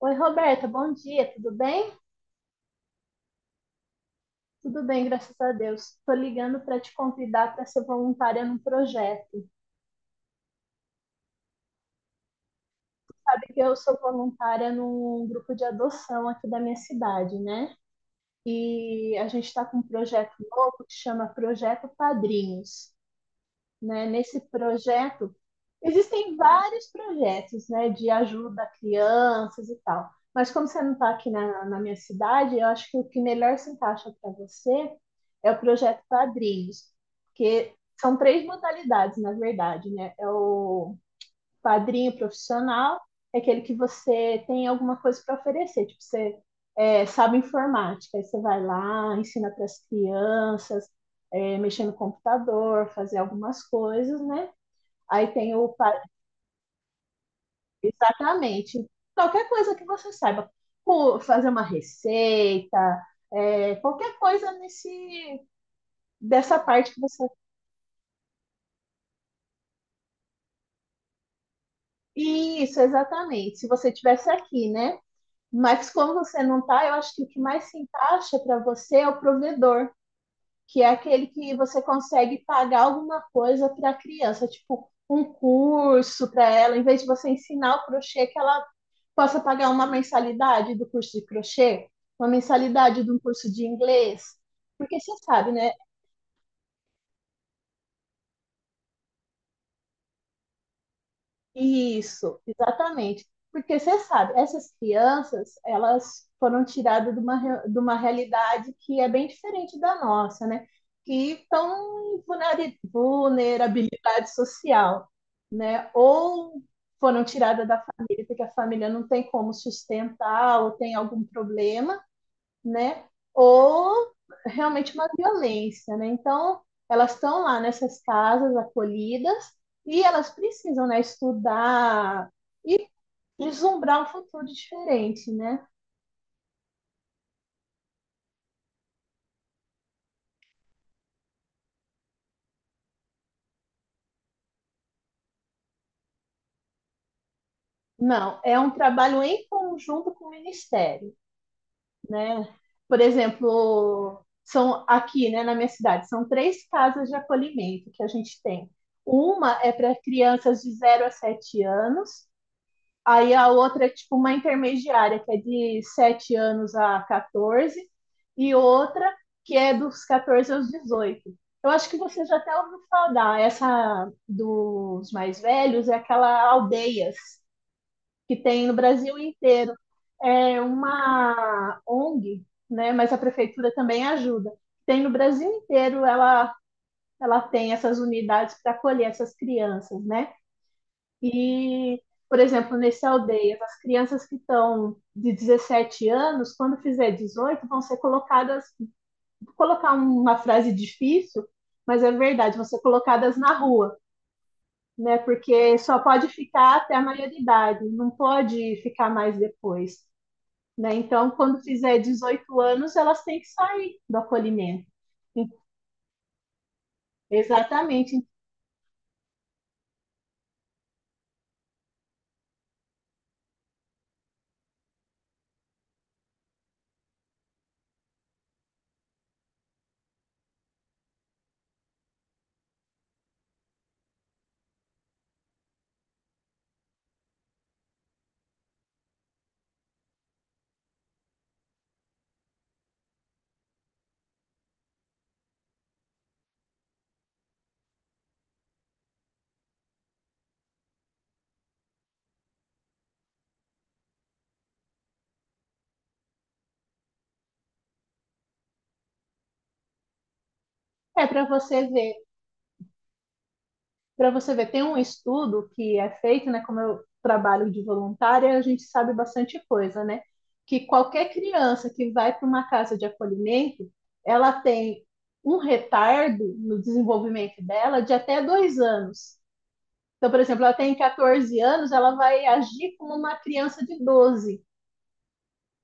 Oi, Roberta, bom dia, tudo bem? Tudo bem, graças a Deus. Estou ligando para te convidar para ser voluntária num projeto. Sabe que eu sou voluntária num grupo de adoção aqui da minha cidade, né? E a gente está com um projeto novo que chama Projeto Padrinhos. Né, nesse projeto, existem vários projetos, né, de ajuda a crianças e tal. Mas como você não está aqui na minha cidade, eu acho que o que melhor se encaixa para você é o projeto Padrinhos, porque são três modalidades, na verdade, né? É o padrinho profissional é aquele que você tem alguma coisa para oferecer, tipo, você sabe informática, aí você vai lá, ensina para as crianças, mexer no computador, fazer algumas coisas, né? Aí tem o. pa- Exatamente. Qualquer coisa que você saiba. Pô, fazer uma receita, qualquer coisa nesse, dessa parte que você. Isso, exatamente. Se você tivesse aqui, né? Mas como você não está, eu acho que o que mais se encaixa para você é o provedor, que é aquele que você consegue pagar alguma coisa para a criança, tipo um curso para ela, em vez de você ensinar o crochê, que ela possa pagar uma mensalidade do curso de crochê, uma mensalidade de um curso de inglês. Porque você sabe, né? Isso, exatamente. Porque você sabe, essas crianças, elas foram tiradas de uma realidade que é bem diferente da nossa, né? Que estão em vulnerabilidade social, né? Ou foram tiradas da família, porque a família não tem como sustentar ou tem algum problema, né? Ou realmente uma violência, né? Então, elas estão lá nessas casas acolhidas e elas precisam, né, estudar e vislumbrar um futuro diferente, né? Não, é um trabalho em conjunto com o Ministério, né? Por exemplo, são aqui, né, na minha cidade, são três casas de acolhimento que a gente tem. Uma é para crianças de 0 a 7 anos. Aí a outra é tipo uma intermediária, que é de 7 anos a 14, e outra que é dos 14 aos 18. Eu acho que você já até ouviu falar, essa dos mais velhos é aquela Aldeias que tem no Brasil inteiro. É uma ONG, né? Mas a prefeitura também ajuda. Tem no Brasil inteiro, ela tem essas unidades para acolher essas crianças, né? E, por exemplo, nesse Aldeias, as crianças que estão de 17 anos, quando fizer 18, vão ser colocadas, vou colocar uma frase difícil, mas é verdade, vão ser colocadas na rua, né? Porque só pode ficar até a maioridade, não pode ficar mais depois, né? Então, quando fizer 18 anos, elas têm que sair do acolhimento. Exatamente. É para você ver Para você ver, tem um estudo que é feito, né? Como eu trabalho de voluntária, a gente sabe bastante coisa, né? Que qualquer criança que vai para uma casa de acolhimento, ela tem um retardo no desenvolvimento dela de até 2 anos. Então, por exemplo, ela tem 14 anos, ela vai agir como uma criança de 12.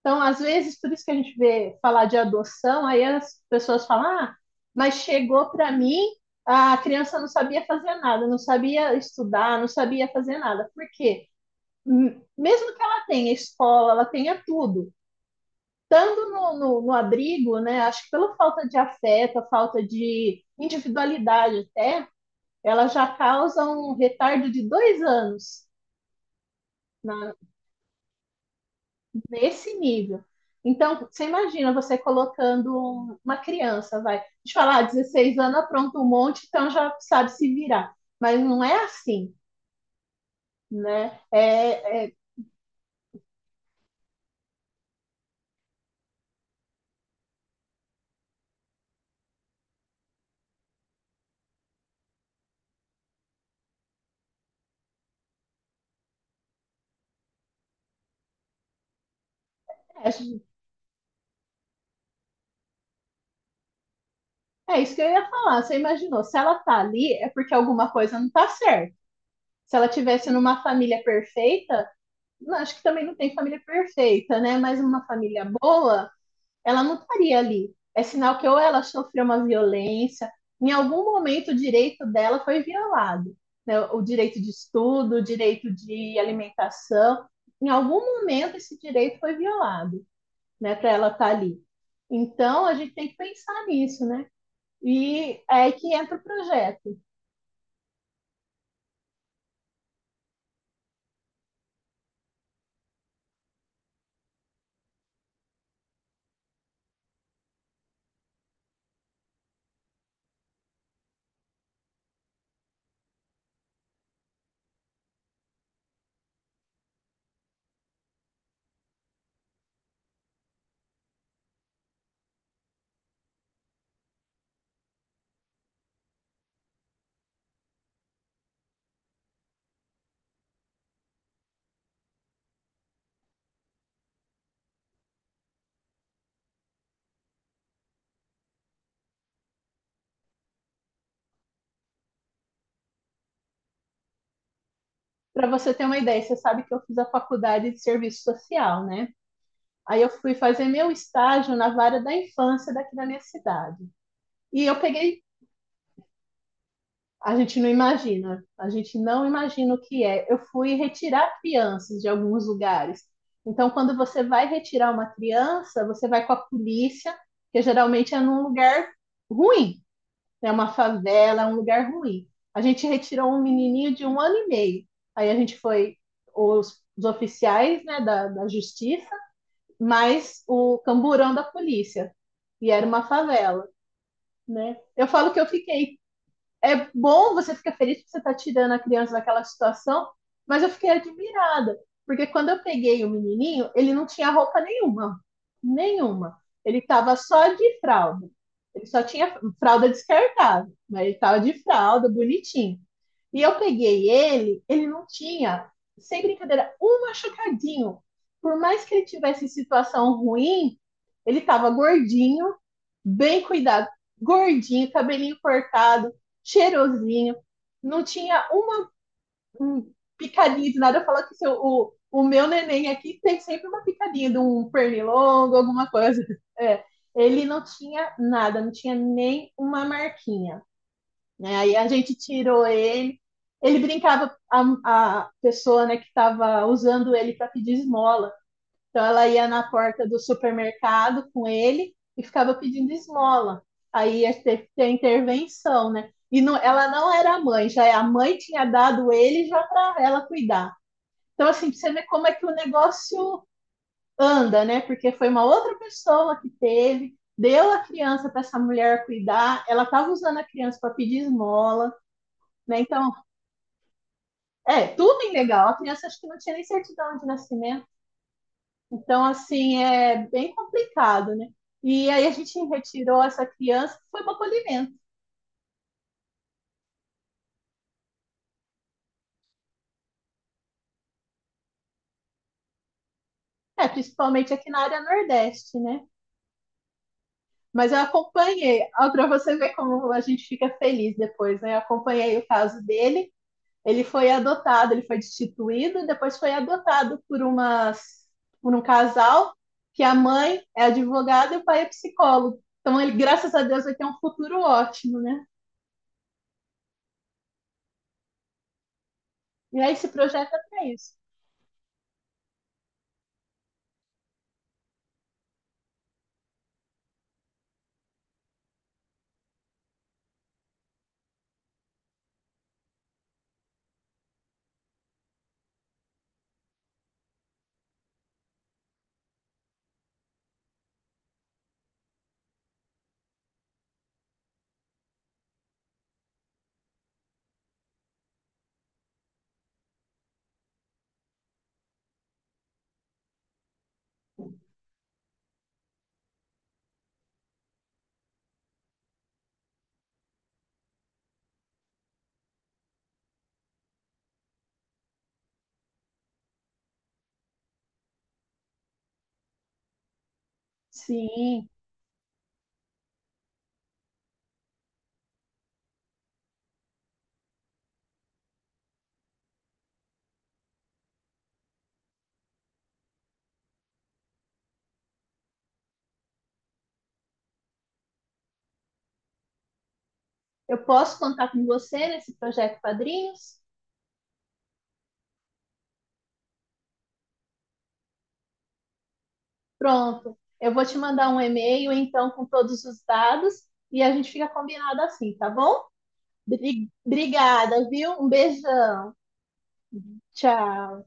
Então, às vezes, por isso que a gente vê falar de adoção, aí as pessoas falam, ah, mas chegou para mim, a criança não sabia fazer nada, não sabia estudar, não sabia fazer nada. Por quê? Mesmo que ela tenha escola, ela tenha tudo, estando no abrigo, né, acho que pela falta de afeto, a falta de individualidade até, ela já causa um retardo de 2 anos nesse nível. Então, você imagina você colocando uma criança, vai, de falar, 16 anos, apronta um monte, então já sabe se virar. Mas não é assim, né? É, é isso que eu ia falar. Você imaginou, se ela tá ali, é porque alguma coisa não tá certa. Se ela tivesse numa família perfeita, não, acho que também não tem família perfeita, né? Mas uma família boa, ela não estaria ali. É sinal que ou ela sofreu uma violência, em algum momento o direito dela foi violado, né? O direito de estudo, o direito de alimentação, em algum momento esse direito foi violado, né? Para ela estar ali. Então a gente tem que pensar nisso, né? E é aí que entra o projeto. Para você ter uma ideia, você sabe que eu fiz a faculdade de serviço social, né? Aí eu fui fazer meu estágio na vara da infância daqui da minha cidade. E eu peguei A gente não imagina, a gente não imagina o que é. Eu fui retirar crianças de alguns lugares. Então, quando você vai retirar uma criança, você vai com a polícia, que geralmente é num lugar ruim, é uma favela, é um lugar ruim. A gente retirou um menininho de 1 ano e meio. Aí a gente foi os oficiais, né, da justiça, mais o camburão da polícia. E era uma favela, né? Eu falo que eu fiquei É bom, você fica feliz porque você está tirando a criança daquela situação, mas eu fiquei admirada, porque quando eu peguei o menininho, ele não tinha roupa nenhuma, nenhuma. Ele estava só de fralda. Ele só tinha fralda descartável, mas ele estava de fralda, bonitinho. E eu peguei ele, ele não tinha, sem brincadeira, um machucadinho. Por mais que ele tivesse situação ruim, ele estava gordinho, bem cuidado, gordinho, cabelinho cortado, cheirosinho, não tinha uma picadinha de nada. Eu falo que o meu neném aqui tem sempre uma picadinha de um pernilongo, alguma coisa. É, ele não tinha nada, não tinha nem uma marquinha. Né? Aí a gente tirou ele, ele brincava, a pessoa né, que estava usando ele para pedir esmola. Então ela ia na porta do supermercado com ele e ficava pedindo esmola. Aí ia ter que ter intervenção, né? E não, ela não era a mãe, já é, a mãe tinha dado ele já para ela cuidar. Então, assim, pra você ver como é que o negócio anda, né? Porque foi uma outra pessoa que teve, deu a criança para essa mulher cuidar, ela estava usando a criança para pedir esmola, né? Então, tudo ilegal. A criança acho que não tinha nem certidão de nascimento. Então, assim, é bem complicado, né? E aí a gente retirou essa criança, foi para acolhimento. É, principalmente aqui na área Nordeste, né? Mas eu acompanhei, para você ver como a gente fica feliz depois, né? Eu acompanhei o caso dele, ele foi adotado, ele foi destituído, depois foi adotado por um casal que a mãe é advogada e o pai é psicólogo. Então ele, graças a Deus, vai ter um futuro ótimo, né? E aí esse projeto é para isso. Sim. Eu posso contar com você nesse projeto Padrinhos? Pronto, eu vou te mandar um e-mail, então, com todos os dados e a gente fica combinado assim, tá bom? Obrigada, viu? Um beijão. Tchau.